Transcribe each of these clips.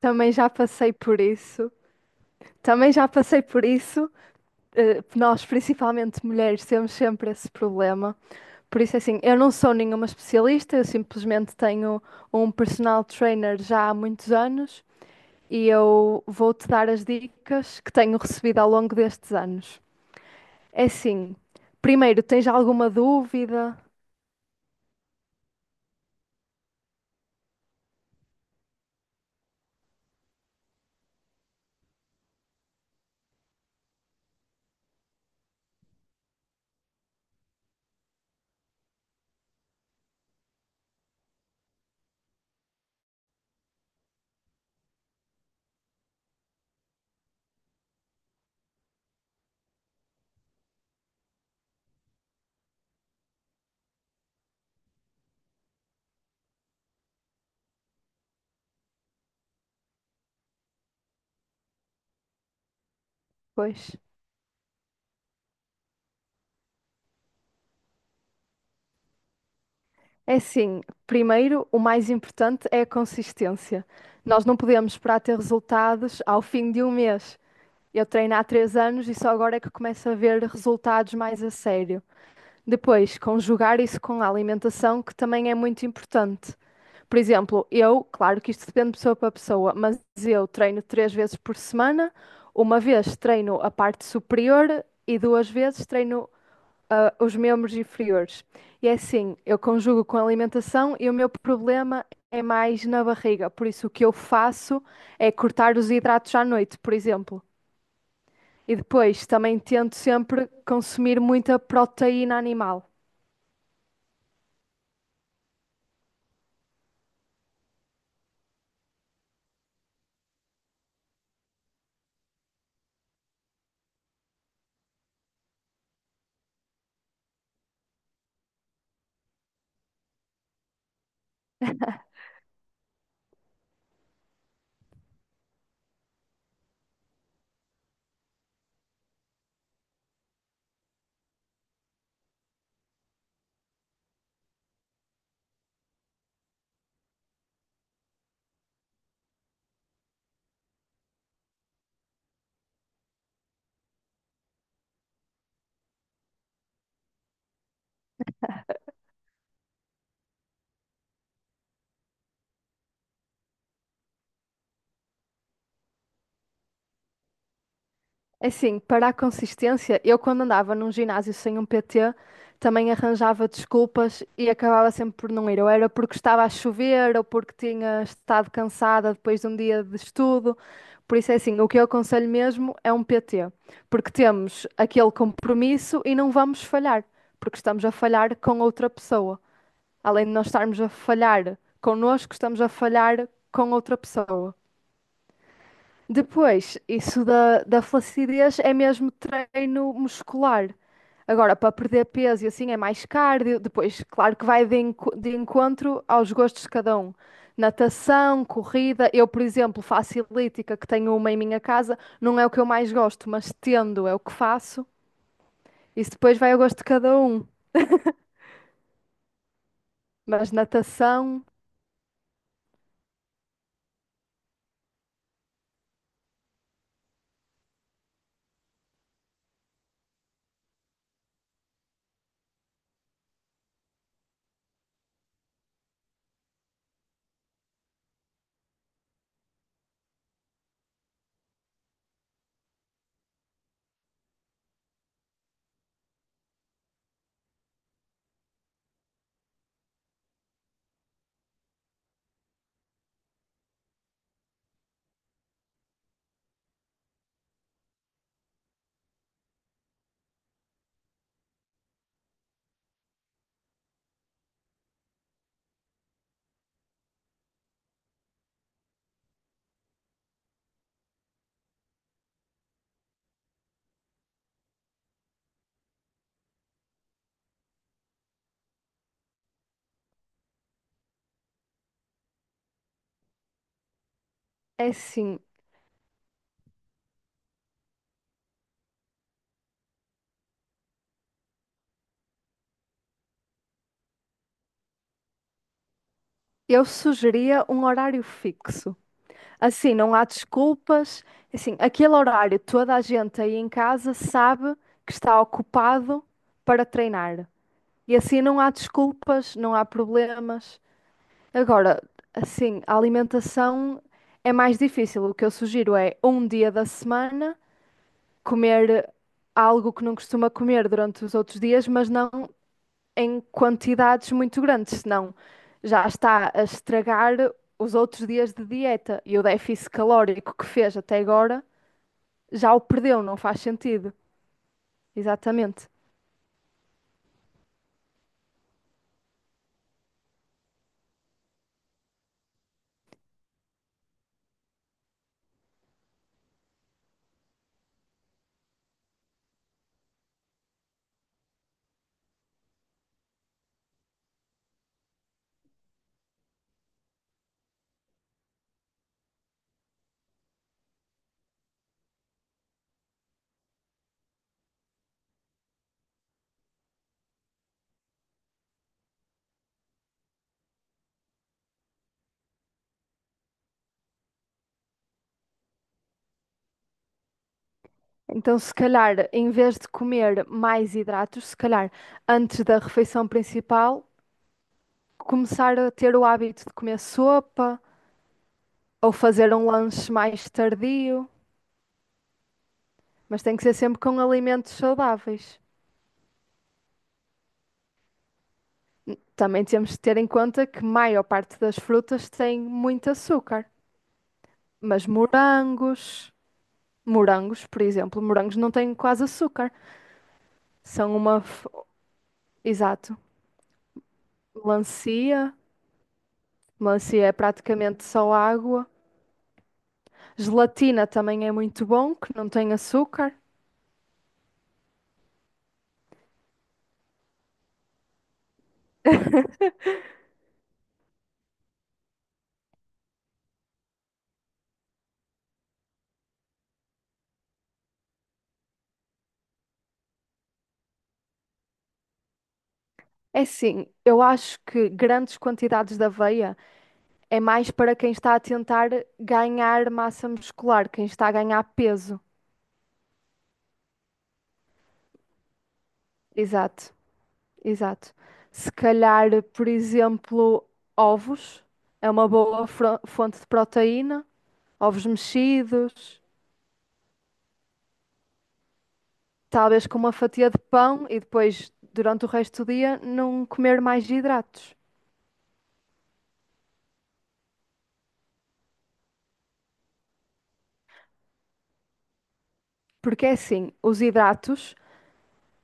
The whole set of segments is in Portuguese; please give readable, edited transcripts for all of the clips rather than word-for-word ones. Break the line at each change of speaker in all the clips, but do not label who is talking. Também já passei por isso. Também já passei por isso. Nós, principalmente mulheres, temos sempre esse problema. Por isso, assim, eu não sou nenhuma especialista, eu simplesmente tenho um personal trainer já há muitos anos e eu vou-te dar as dicas que tenho recebido ao longo destes anos. É assim, primeiro, tens alguma dúvida? Pois. É assim, primeiro, o mais importante é a consistência. Nós não podemos esperar ter resultados ao fim de um mês. Eu treino há três anos e só agora é que começo a ver resultados mais a sério. Depois, conjugar isso com a alimentação, que também é muito importante. Por exemplo, eu, claro que isto depende de pessoa para pessoa, mas eu treino três vezes por semana. Uma vez treino a parte superior e duas vezes treino, os membros inferiores. E é assim, eu conjugo com a alimentação e o meu problema é mais na barriga. Por isso, o que eu faço é cortar os hidratos à noite, por exemplo. E depois também tento sempre consumir muita proteína animal. Assim, para a consistência, eu quando andava num ginásio sem um PT, também arranjava desculpas e acabava sempre por não ir. Ou era porque estava a chover, ou porque tinha estado cansada depois de um dia de estudo. Por isso é assim, o que eu aconselho mesmo é um PT, porque temos aquele compromisso e não vamos falhar, porque estamos a falhar com outra pessoa. Além de nós estarmos a falhar connosco, estamos a falhar com outra pessoa. Depois, isso da flacidez é mesmo treino muscular. Agora, para perder peso e assim é mais cardio. Depois, claro que vai de encontro aos gostos de cada um. Natação, corrida. Eu, por exemplo, faço elíptica, que tenho uma em minha casa. Não é o que eu mais gosto, mas tendo é o que faço. Isso depois vai ao gosto de cada um. Mas natação é sim. Eu sugeria um horário fixo. Assim, não há desculpas. Assim, aquele horário toda a gente aí em casa sabe que está ocupado para treinar. E assim não há desculpas, não há problemas. Agora, assim, a alimentação é mais difícil. O que eu sugiro é um dia da semana comer algo que não costuma comer durante os outros dias, mas não em quantidades muito grandes, senão já está a estragar os outros dias de dieta e o déficit calórico que fez até agora já o perdeu, não faz sentido. Exatamente. Então, se calhar, em vez de comer mais hidratos, se calhar antes da refeição principal, começar a ter o hábito de comer sopa ou fazer um lanche mais tardio, mas tem que ser sempre com alimentos saudáveis. Também temos de ter em conta que maior parte das frutas tem muito açúcar, mas morangos, por exemplo, morangos não têm quase açúcar. São exato, melancia, melancia é praticamente só água. Gelatina também é muito bom, que não tem açúcar. É sim, eu acho que grandes quantidades de aveia é mais para quem está a tentar ganhar massa muscular, quem está a ganhar peso. Exato. Exato. Se calhar, por exemplo, ovos é uma fonte de proteína, ovos mexidos, talvez com uma fatia de pão e depois, durante o resto do dia, não comer mais hidratos. Porque é assim, os hidratos,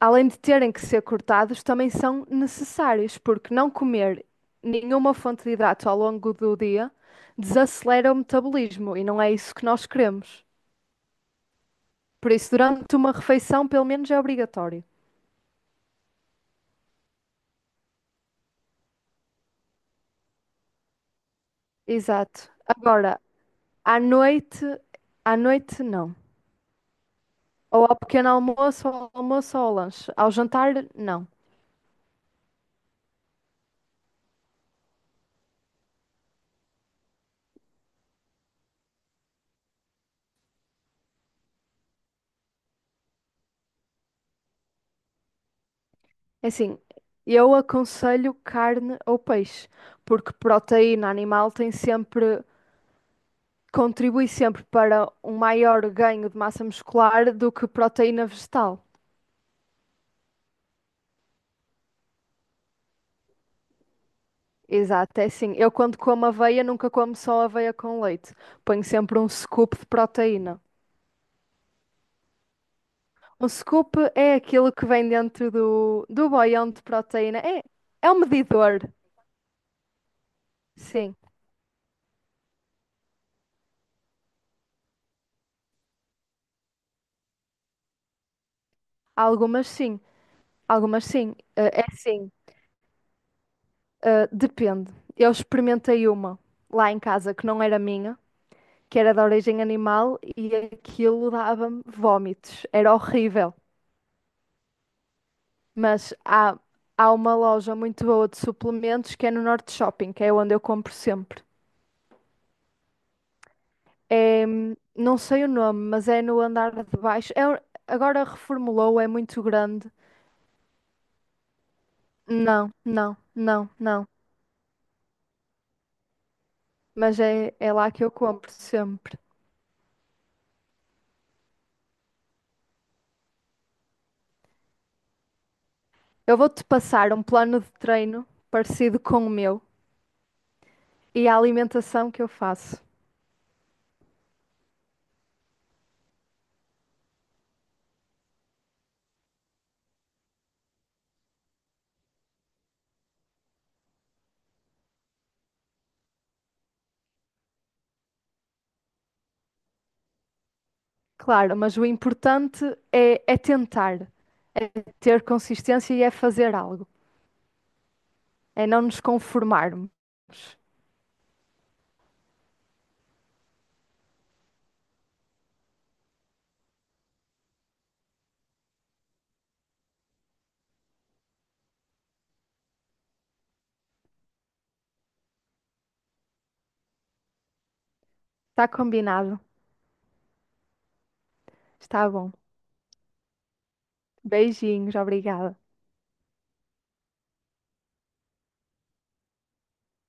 além de terem que ser cortados, também são necessários, porque não comer nenhuma fonte de hidrato ao longo do dia desacelera o metabolismo e não é isso que nós queremos. Por isso, durante uma refeição, pelo menos é obrigatório. Exato. Agora, à noite, à noite não. Ou ao pequeno almoço, ou ao lanche. Ao jantar, não. É assim, eu aconselho carne ou peixe, porque proteína animal tem sempre, contribui sempre para um maior ganho de massa muscular do que proteína vegetal. Exato, é assim. Eu quando como aveia, nunca como só aveia com leite. Ponho sempre um scoop de proteína. O scoop é aquilo que vem dentro do boião de proteína. É, é um medidor, sim. Algumas sim, algumas sim. É sim, depende. Eu experimentei uma lá em casa que não era minha, que era de origem animal e aquilo dava-me vómitos. Era horrível. Mas há, há uma loja muito boa de suplementos que é no Norte Shopping, que é onde eu compro sempre. É, não sei o nome, mas é no andar de baixo. Agora reformulou, é muito grande. Não, não, não, não. Mas é, é lá que eu compro sempre. Eu vou-te passar um plano de treino parecido com o meu e a alimentação que eu faço. Claro, mas o importante é tentar, é ter consistência e é fazer algo, é não nos conformarmos. Está combinado? Está bom. Beijinhos, obrigada.